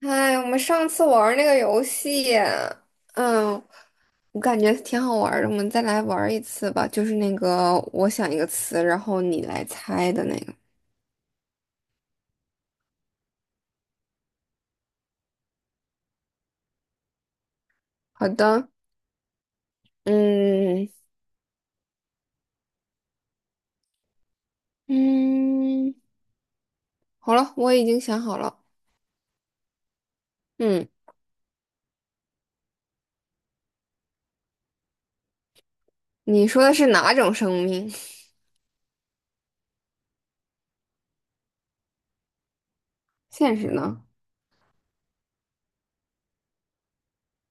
哎，我们上次玩儿那个游戏，嗯，我感觉挺好玩儿的，我们再来玩儿一次吧。就是那个我想一个词，然后你来猜的那个。好的，嗯嗯，好了，我已经想好了。嗯，你说的是哪种生命？现实呢？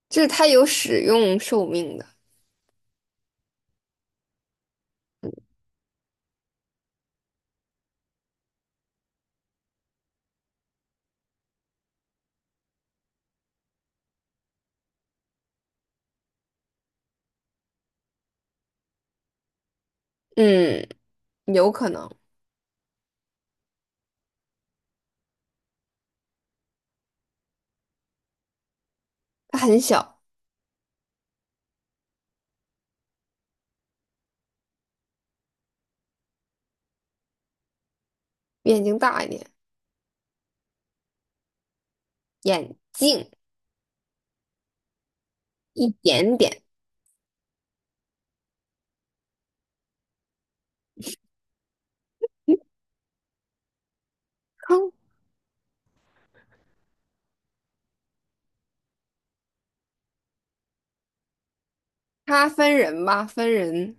就是它有使用寿命的。嗯，有可能它很小，比眼睛大一点，眼镜一点点。嗯，它分人吧，分人。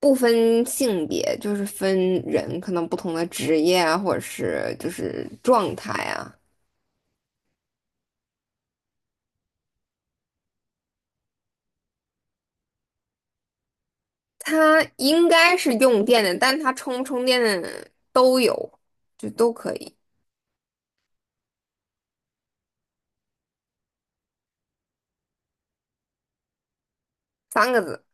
不分性别，就是分人，可能不同的职业啊，或者是就是状态啊。它应该是用电的，但它充不充电的都有，就都可以。三个字，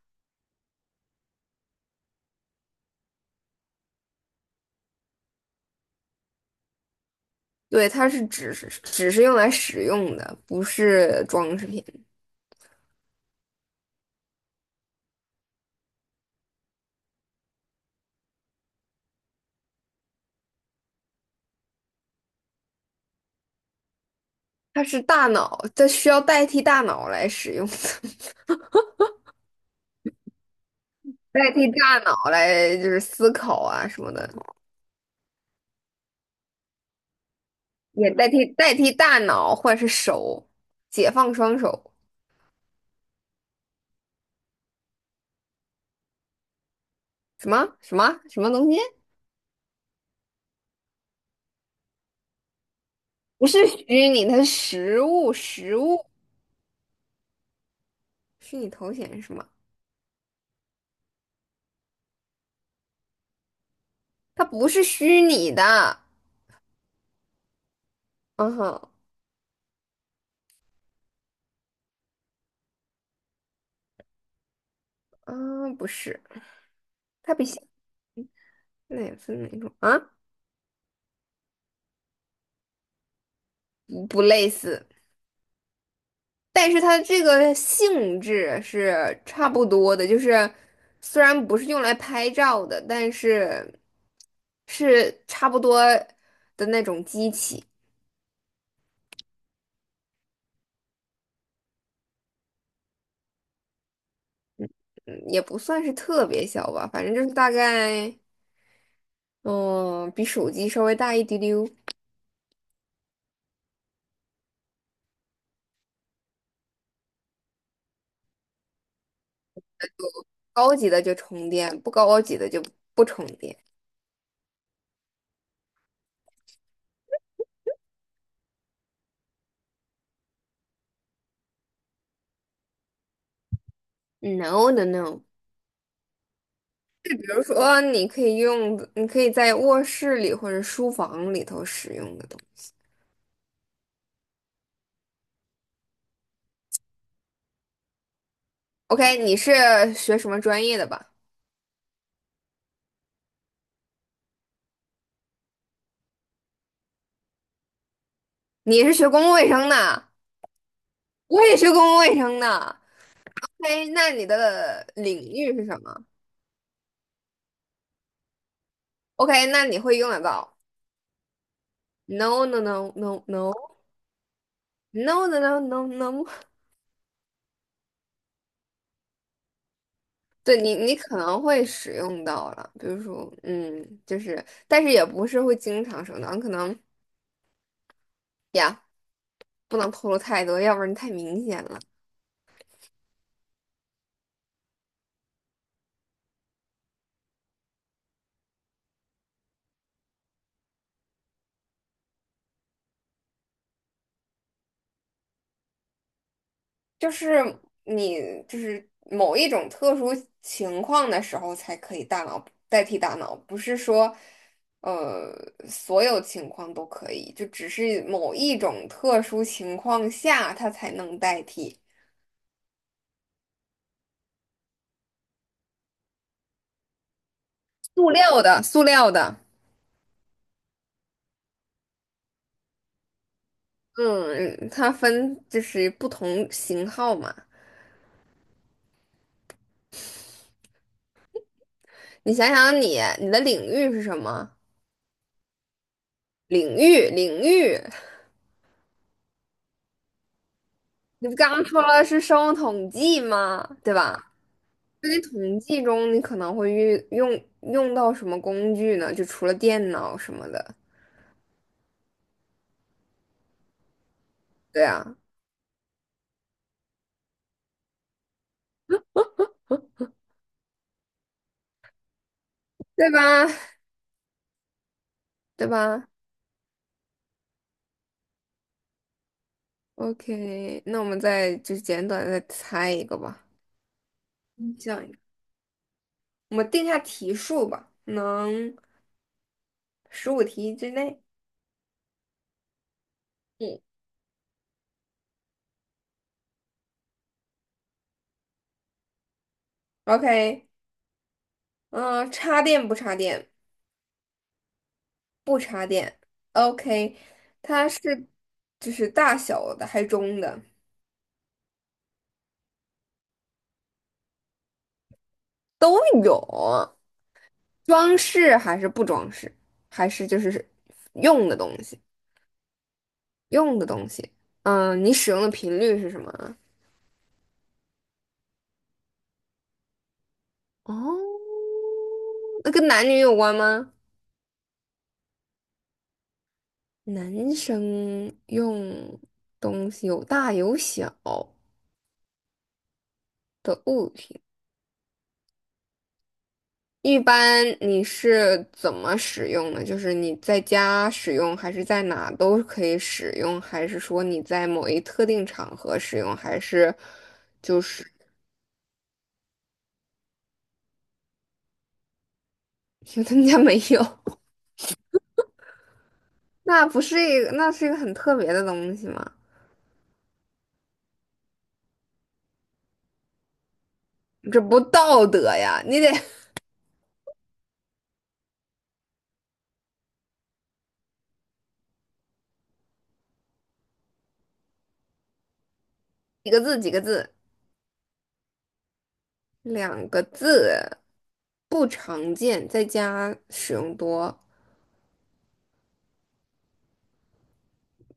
对，它是只是用来使用的，不是装饰品。它是大脑，它需要代替大脑来使用，代替大脑来就是思考啊什么的，也代替大脑或者是手，解放双手。什么东西？不是虚拟它是实物，实物虚拟头显是什么？它不是虚拟的。嗯哼，啊，不是，它也似哪种啊？不不类似，但是它这个性质是差不多的，就是虽然不是用来拍照的，但是是差不多的那种机器，嗯，也不算是特别小吧，反正就是大概。嗯，比手机稍微大一丢丢，高级的就充电，不高级的就不充电。No no no，就比如说你可以用，你可以在卧室里或者书房里头使用的东西。OK，你是学什么专业的吧？你是学公共卫生的，我也学公共卫生的。哎，那你的领域是什么？OK，那你会用得到。No no no no no no no no no no no。对你，你可能会使用到了，比如说，嗯，就是，但是也不是会经常使用到，可能呀，不能透露太多，要不然太明显了。就是你，就是某一种特殊情况的时候才可以大脑代替大脑，不是说，呃，所有情况都可以，就只是某一种特殊情况下它才能代替。塑料的，塑料的，嗯，它分就是不同型号嘛。你想想你的领域是什么？领域，领域，你不刚说了是生物统计吗？对吧？在统计中，你可能会用到什么工具呢？就除了电脑什么的，对啊，对吧？对吧？OK，那我们再就简短地再猜一个吧，嗯这样一个，我们定下题数吧，能15题之内。嗯，OK，嗯、插电不插电？不插电 o k 它是就是大小的还是中的都有，装饰还是不装饰，还是就是用的东西，用的东西。嗯，你使用的频率是什么啊？哦，那跟男女有关吗？男生用东西有大有小的物品。一般你是怎么使用呢？就是你在家使用，还是在哪都可以使用，还是说你在某一特定场合使用，还是就是 因为他们家没有？那不是一个，那是一个很特别的东西吗？这不道德呀！你得 几个字，几个字，两个字，不常见，在家使用多，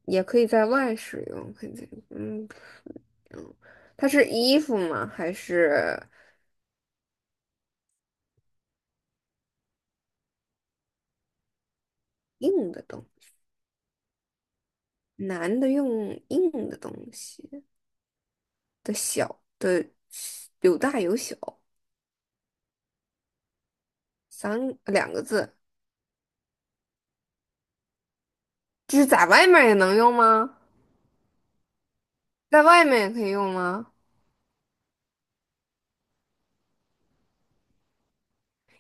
也可以在外使用，肯定，嗯，它是衣服吗？还是硬的东西？男的用硬的东西的小的有大有小，三两个字，就是在外面也能用吗？在外面也可以用吗？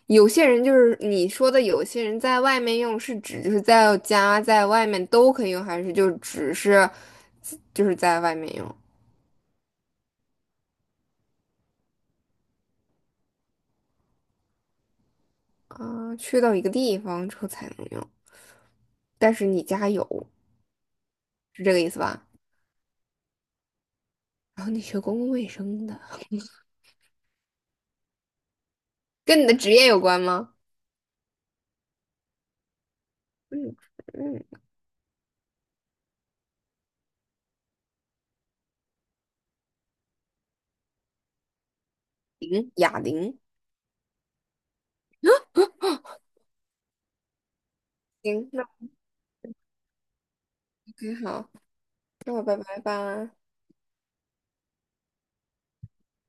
有些人就是你说的，有些人在外面用是指就是在家在外面都可以用，还是就只是就是在外面用啊？去到一个地方之后才能用，但是你家有，是这个意思吧？然后你学公共卫生的，跟你的职业有关吗？嗯嗯。零，哑铃。行，那 OK，好，那我拜拜吧。